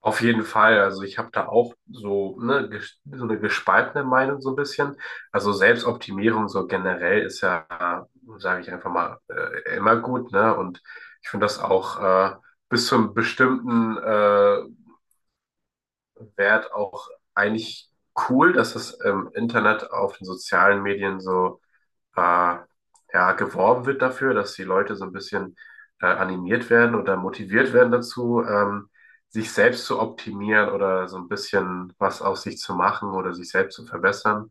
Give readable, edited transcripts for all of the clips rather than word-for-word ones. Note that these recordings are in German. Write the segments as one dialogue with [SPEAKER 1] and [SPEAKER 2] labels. [SPEAKER 1] Auf jeden Fall. Also ich habe da auch so, ne, so eine gespaltene Meinung so ein bisschen. Also Selbstoptimierung so generell ist ja, sage ich einfach mal, immer gut, ne? Und ich finde das auch bis zu einem bestimmten Wert auch eigentlich cool, dass es im Internet auf den sozialen Medien so äh, ja, geworben wird dafür, dass die Leute so ein bisschen animiert werden oder motiviert werden dazu, sich selbst zu optimieren oder so ein bisschen was aus sich zu machen oder sich selbst zu verbessern.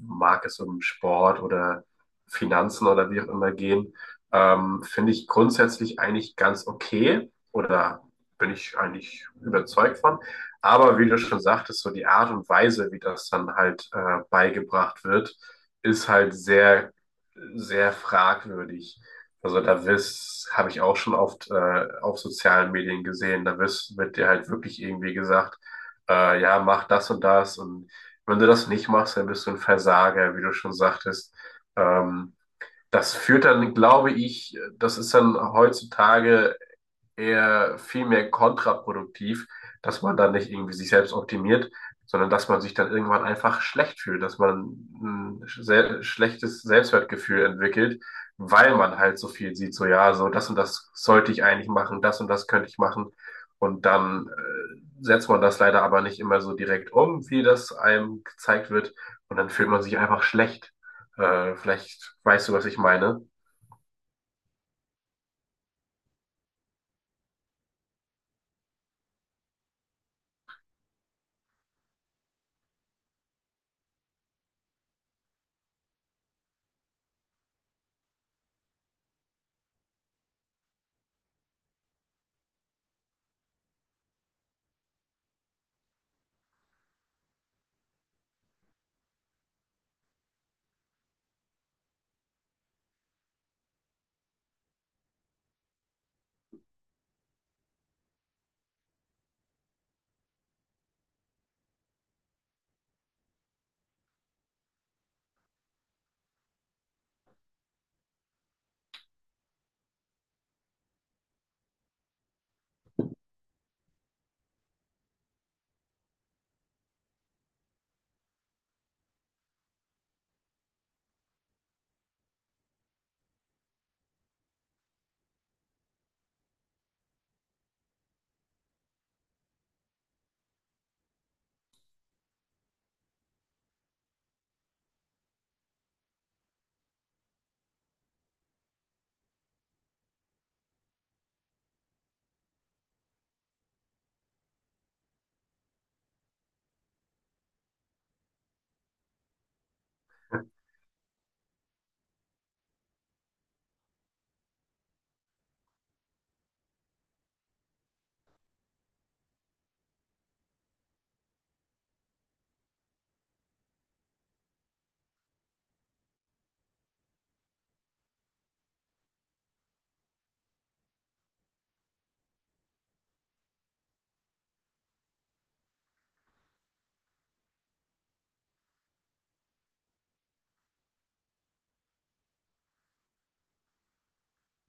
[SPEAKER 1] Mag es um Sport oder Finanzen oder wie auch immer gehen. Finde ich grundsätzlich eigentlich ganz okay oder bin ich eigentlich überzeugt von. Aber wie du schon sagtest, so die Art und Weise, wie das dann halt beigebracht wird, ist halt sehr sehr fragwürdig. Also habe ich auch schon oft auf sozialen Medien gesehen, wird dir halt wirklich irgendwie gesagt, ja, mach das und das und wenn du das nicht machst, dann bist du ein Versager, wie du schon sagtest. Ähm, Das führt dann, glaube ich, das ist dann heutzutage eher viel mehr kontraproduktiv, dass man dann nicht irgendwie sich selbst optimiert, sondern dass man sich dann irgendwann einfach schlecht fühlt, dass man ein sehr schlechtes Selbstwertgefühl entwickelt, weil man halt so viel sieht, so ja, so das und das sollte ich eigentlich machen, das und das könnte ich machen. Und dann setzt man das leider aber nicht immer so direkt um, wie das einem gezeigt wird. Und dann fühlt man sich einfach schlecht. Vielleicht weißt du, was ich meine.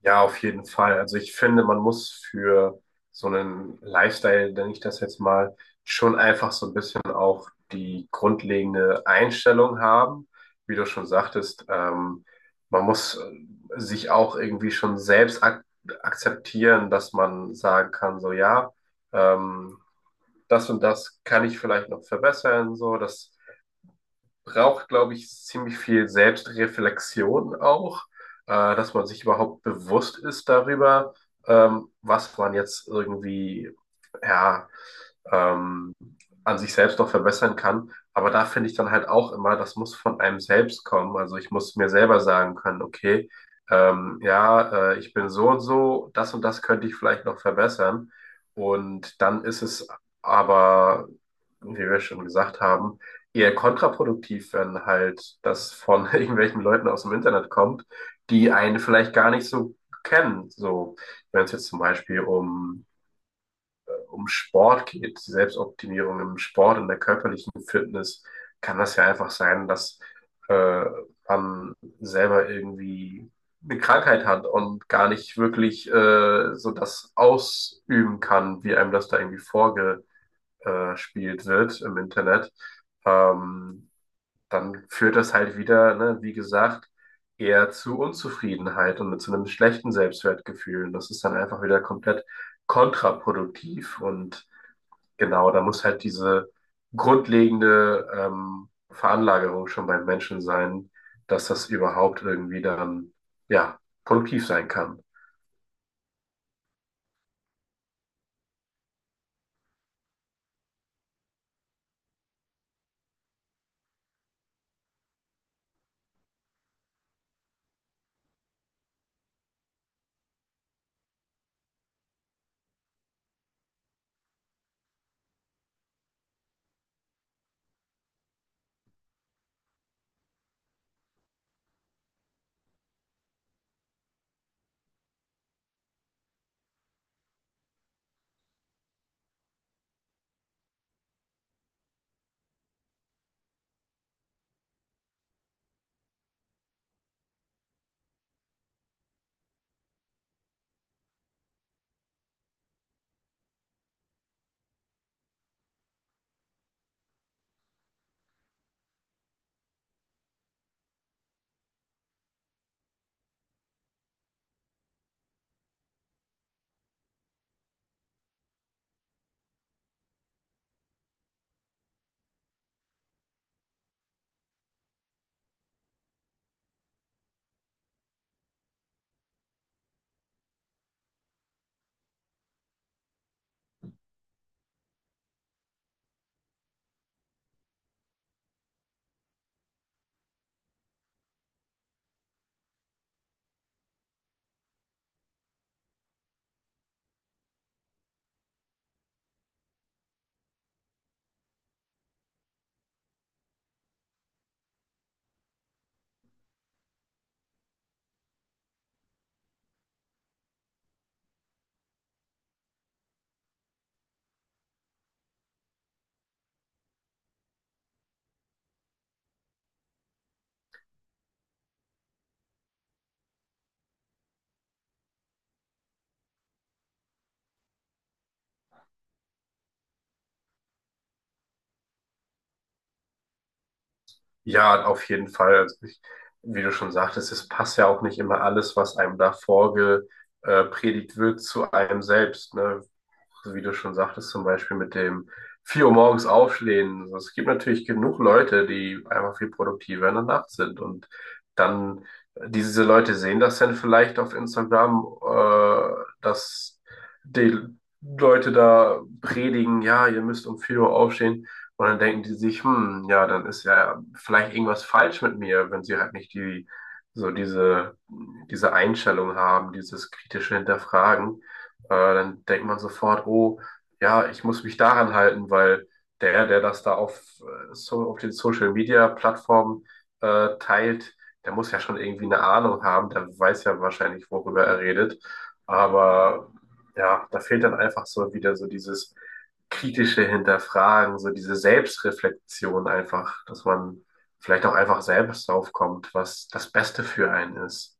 [SPEAKER 1] Ja, auf jeden Fall. Also ich finde, man muss für so einen Lifestyle, nenne ich das jetzt mal, schon einfach so ein bisschen auch die grundlegende Einstellung haben. Wie du schon sagtest, man muss sich auch irgendwie schon selbst ak akzeptieren, dass man sagen kann, so ja, ähm, das und das kann ich vielleicht noch verbessern, so das braucht, glaube ich, ziemlich viel Selbstreflexion auch, dass man sich überhaupt bewusst ist darüber, was man jetzt irgendwie, ja, ähm, an sich selbst noch verbessern kann. Aber da finde ich dann halt auch immer, das muss von einem selbst kommen. Also ich muss mir selber sagen können, okay, ja, ich bin so und so, das und das könnte ich vielleicht noch verbessern. Und dann ist es aber, wie wir schon gesagt haben, eher kontraproduktiv, wenn halt das von irgendwelchen Leuten aus dem Internet kommt, die einen vielleicht gar nicht so kennen. So, wenn es jetzt zum Beispiel um Sport geht, die Selbstoptimierung im Sport, in der körperlichen Fitness, kann das ja einfach sein, dass äh, man selber irgendwie eine Krankheit hat und gar nicht wirklich so das ausüben kann, wie einem das da irgendwie vorgespielt wird im Internet. Ähm, Dann führt das halt wieder, ne, wie gesagt, eher zu Unzufriedenheit und zu einem schlechten Selbstwertgefühl. Und das ist dann einfach wieder komplett kontraproduktiv. Und genau, da muss halt diese grundlegende Veranlagerung schon beim Menschen sein, dass das überhaupt irgendwie dann, ja, produktiv sein kann. Ja, auf jeden Fall. Also ich, wie du schon sagtest, es passt ja auch nicht immer alles, was einem da vorgepredigt predigt wird, zu einem selbst. Ne? So wie du schon sagtest, zum Beispiel mit dem 4 Uhr morgens aufstehen. Also es gibt natürlich genug Leute, die einfach viel produktiver in der Nacht sind. Und dann, diese Leute sehen das dann vielleicht auf Instagram, dass die Leute da predigen, ja, ihr müsst um 4 Uhr aufstehen. Und dann denken die sich, hm, ja, dann ist ja vielleicht irgendwas falsch mit mir, wenn sie halt nicht die, so diese, diese Einstellung haben, dieses kritische Hinterfragen. Dann denkt man sofort, oh, ja, ich muss mich daran halten, weil der das da auf den Social Media Plattformen teilt, der muss ja schon irgendwie eine Ahnung haben, der weiß ja wahrscheinlich, worüber er redet. Aber ja, da fehlt dann einfach so wieder so dieses kritische Hinterfragen, so diese Selbstreflexion einfach, dass man vielleicht auch einfach selbst drauf kommt, was das Beste für einen ist.